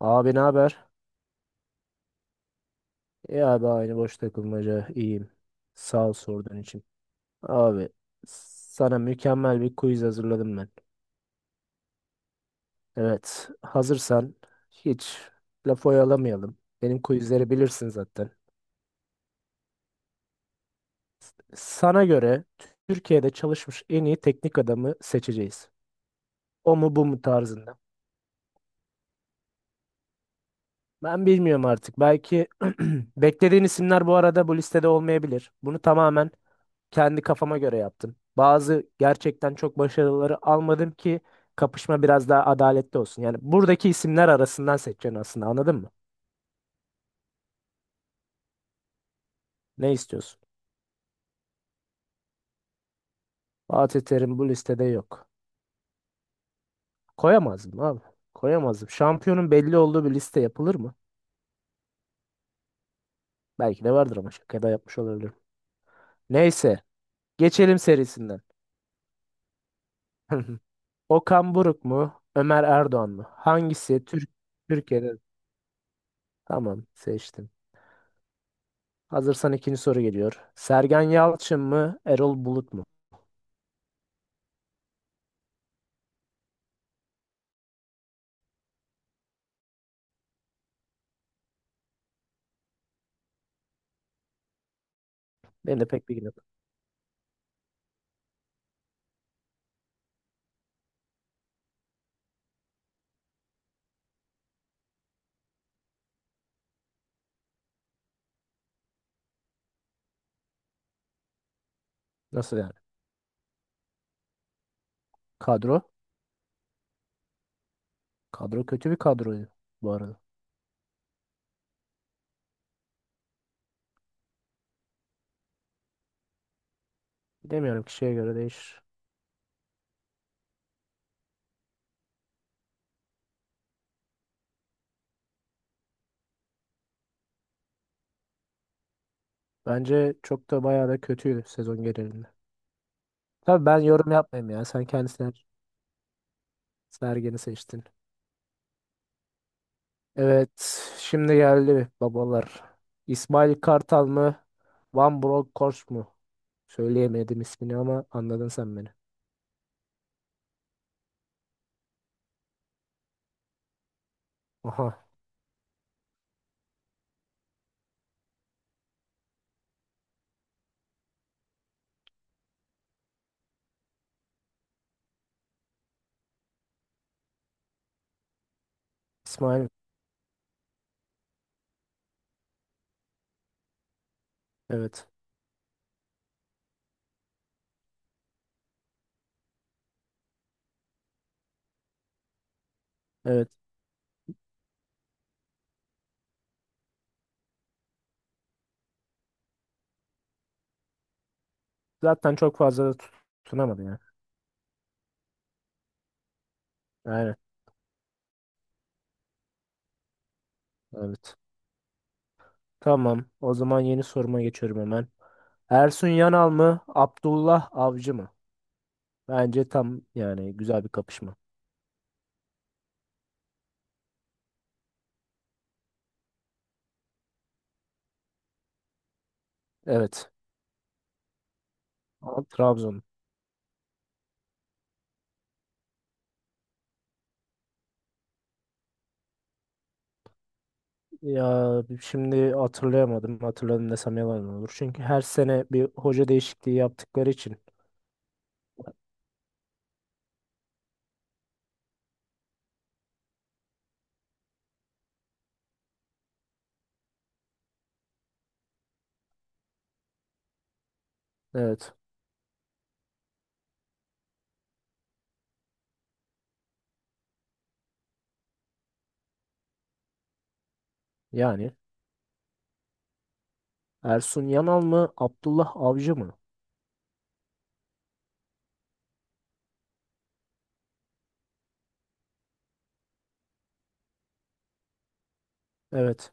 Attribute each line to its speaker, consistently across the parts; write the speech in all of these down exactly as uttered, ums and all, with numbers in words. Speaker 1: Abi ne haber? İyi abi aynı boş takılmaca iyiyim. Sağ ol sorduğun için. Abi sana mükemmel bir quiz hazırladım ben. Evet hazırsan hiç laf oyalamayalım. Benim quizleri bilirsin zaten. Sana göre Türkiye'de çalışmış en iyi teknik adamı seçeceğiz. O mu bu mu tarzında. Ben bilmiyorum artık. Belki beklediğin isimler bu arada bu listede olmayabilir. Bunu tamamen kendi kafama göre yaptım. Bazı gerçekten çok başarıları almadım ki kapışma biraz daha adaletli olsun. Yani buradaki isimler arasından seçeceksin aslında anladın mı? Ne istiyorsun? Fatih Terim bu listede yok. Koyamazdım abi. Koyamazdım. Şampiyonun belli olduğu bir liste yapılır mı? Belki de vardır ama şakada yapmış olabilirim. Neyse. Geçelim serisinden. Okan Buruk mu? Ömer Erdoğan mı? Hangisi Türk Türkiye'de? Tamam seçtim. Hazırsan ikinci soru geliyor. Sergen Yalçın mı? Erol Bulut mu? Benim de pek bilgim yok. Nasıl yani? Kadro? Kadro kötü bir kadroydu bu arada. Bilemiyorum kişiye göre değişir. Bence çok da bayağı da kötüydü sezon genelinde. Tabii ben yorum yapmayayım ya. Sen kendisine Sergen'i seçtin. Evet. Şimdi geldi babalar. İsmail Kartal mı? Van Bronckhorst mu? Söyleyemedim ismini ama anladın sen beni. Aha. İsmail. Evet. Evet. Zaten çok fazla da tutunamadı ya. Aynen. Evet. Tamam. O zaman yeni soruma geçiyorum hemen. Ersun Yanal mı? Abdullah Avcı mı? Bence tam yani güzel bir kapışma. Evet. Ama Trabzon. Ya şimdi hatırlayamadım. Hatırladım desem yalan olur. Çünkü her sene bir hoca değişikliği yaptıkları için. Evet. Yani Ersun Yanal mı? Abdullah Avcı mı? Evet.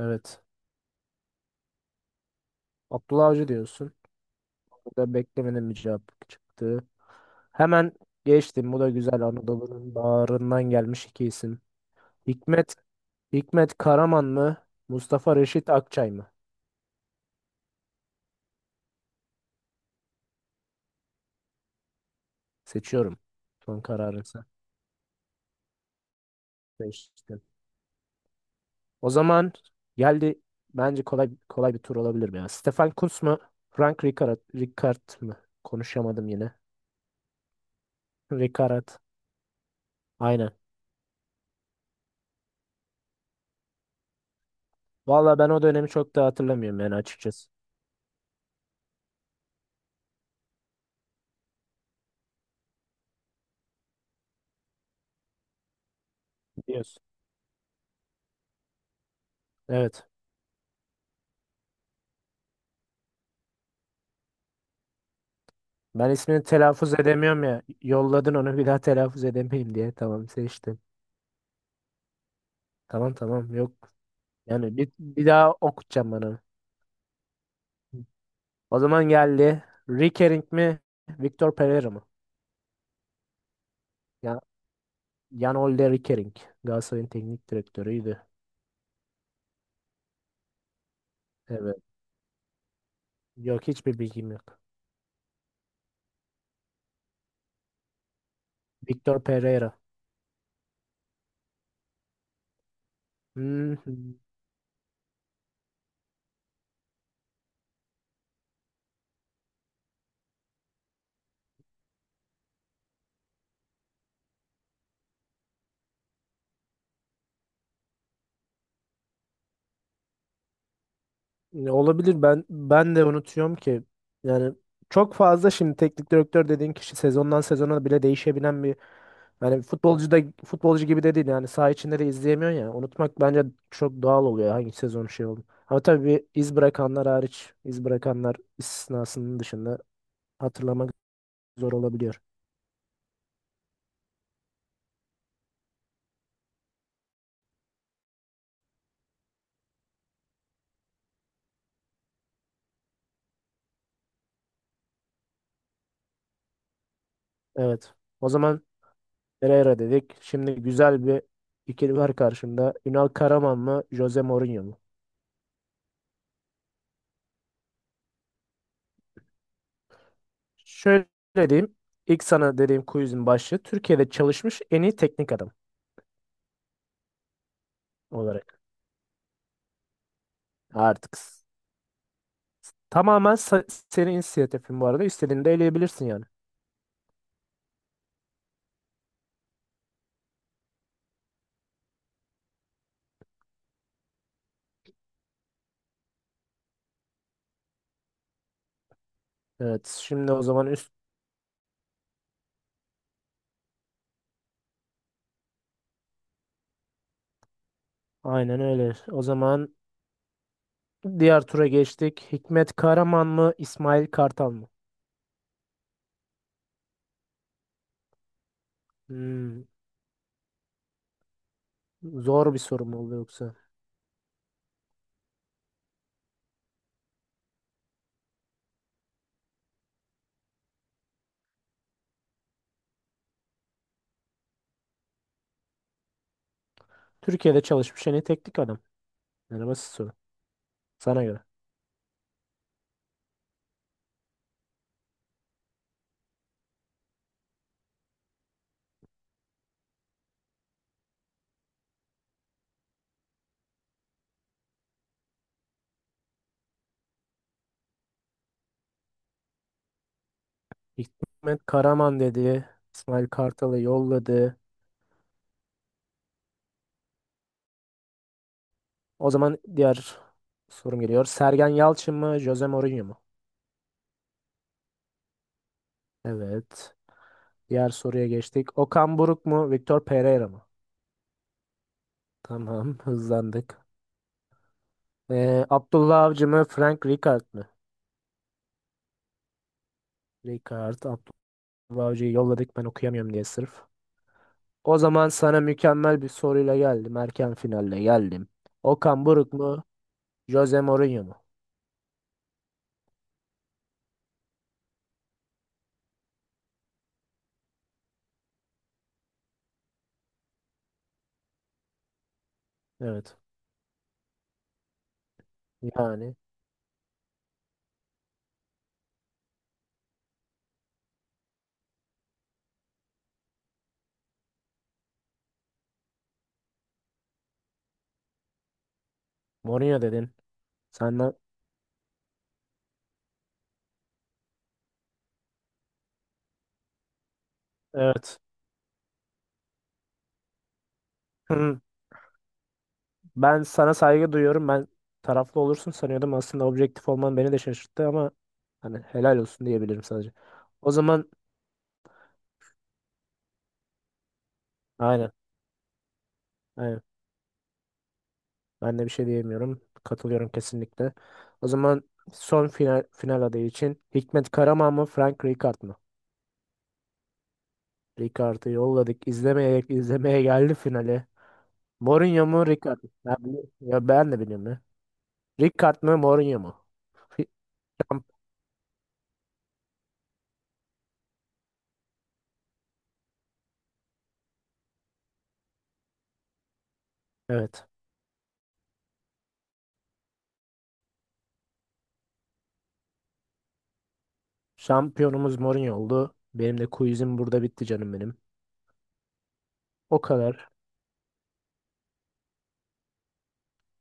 Speaker 1: Evet. Abdullah Avcı diyorsun. Ben beklemedim bir cevap çıktı. Hemen geçtim. Bu da güzel. Anadolu'nun bağrından gelmiş iki isim. Hikmet, Hikmet Karaman mı? Mustafa Reşit Akçay mı? Seçiyorum. Son kararınsa. Seçtim. O zaman geldi. Bence kolay kolay bir tur olabilir mi ya. Stefan Kuntz mu? Frank Rijkaard, Rijkaard mı? Konuşamadım yine. Rijkaard. Aynen. Valla ben o dönemi çok da hatırlamıyorum yani açıkçası. Biliyorsun. Evet. Ben ismini telaffuz edemiyorum ya. Yolladın onu bir daha telaffuz edemeyim diye. Tamam seçtim. Tamam tamam yok. Yani bir, bir daha okutacağım bana. O zaman geldi. Rickering mi? Victor Pereira mı? Ya, Jan-Ole Rickering. Galatasaray'ın teknik direktörüydü. Evet. Yok hiçbir bilgim yok. Victor Pereira. Hmm, ne olabilir ben ben de unutuyorum ki. Yani çok fazla şimdi teknik direktör dediğin kişi sezondan sezona bile değişebilen bir Yani futbolcu da futbolcu gibi de değil yani saha içinde de izleyemiyorsun ya. Unutmak bence çok doğal oluyor hangi sezon şey oldu. Ama tabii bir iz bırakanlar hariç, iz bırakanlar istisnasının dışında hatırlamak zor olabiliyor. Evet. O zaman Pereira dedik. Şimdi güzel bir ikili var karşımda. Ünal Karaman mı, Jose Mourinho mu? Şöyle diyeyim. İlk sana dediğim quizin başlığı Türkiye'de çalışmış en iyi teknik adam olarak. Artık. Tamamen sa- senin inisiyatifin bu arada. İstediğini de eleyebilirsin yani. Evet, şimdi o zaman üst... Aynen öyle. O zaman diğer tura geçtik. Hikmet Karaman mı, İsmail Kartal mı? Hmm, zor bir soru mu oldu yoksa? Türkiye'de çalışmış en iyi teknik adam. Yani basit soru. Sana göre. Hikmet Karaman dedi. İsmail Kartal'ı yolladı. O zaman diğer sorum geliyor. Sergen Yalçın mı, Jose Mourinho mu? Evet. Diğer soruya geçtik. Okan Buruk mu, Victor Pereira mı? Tamam, hızlandık. Ee, Abdullah Avcı mı, Frank Rijkaard mı? Rijkaard, Abdullah Avcı'yı yolladık ben okuyamıyorum diye sırf. O zaman sana mükemmel bir soruyla geldim. Erken finalle geldim. Okan Buruk mu, Jose Mourinho mu? Evet. Yani Mourinho dedin. Senden evet. Hı. Ben sana saygı duyuyorum. Ben taraflı olursun sanıyordum. Aslında objektif olman beni de şaşırttı ama hani helal olsun diyebilirim sadece. O zaman aynen. Aynen. Ben de bir şey diyemiyorum. Katılıyorum kesinlikle. O zaman son final, final adayı için Hikmet Karaman mı Frank Rijkaard mı? Rijkaard'ı yolladık. İzlemeye, izlemeye geldi finale. Mourinho mu Rijkaard mı? Ya, bili- ya ben de biliyorum ya. Rijkaard mı Mourinho mu? Fi- Evet. Şampiyonumuz Mourinho oldu. Benim de quizim burada bitti canım benim. O kadar.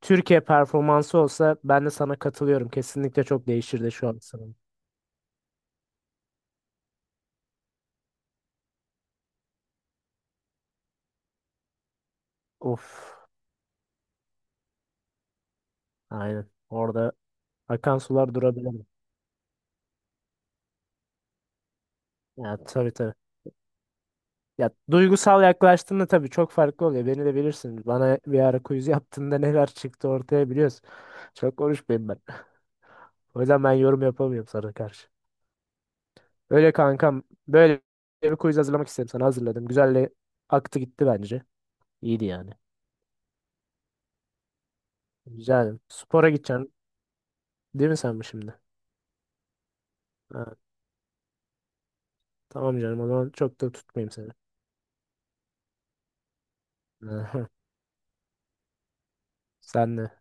Speaker 1: Türkiye performansı olsa ben de sana katılıyorum. Kesinlikle çok değişirdi şu an sanırım. Of. Aynen. Orada akan sular durabilir. Ya tabii tabii. Ya duygusal yaklaştığında tabii çok farklı oluyor. Beni de bilirsin. Bana bir ara quiz yaptığında neler çıktı ortaya biliyorsun. Çok konuşmayayım ben. O yüzden ben yorum yapamıyorum sana karşı. Öyle kankam. Böyle bir quiz hazırlamak istedim sana. Hazırladım. Güzel de aktı gitti bence. İyiydi yani. Güzel. Spora gideceksin. Değil mi sen bu şimdi? Ha, tamam canım. O zaman çok da tutmayayım seni. Sen de.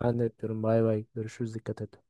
Speaker 1: Ben de yapıyorum. Bay bay. Görüşürüz. Dikkat et.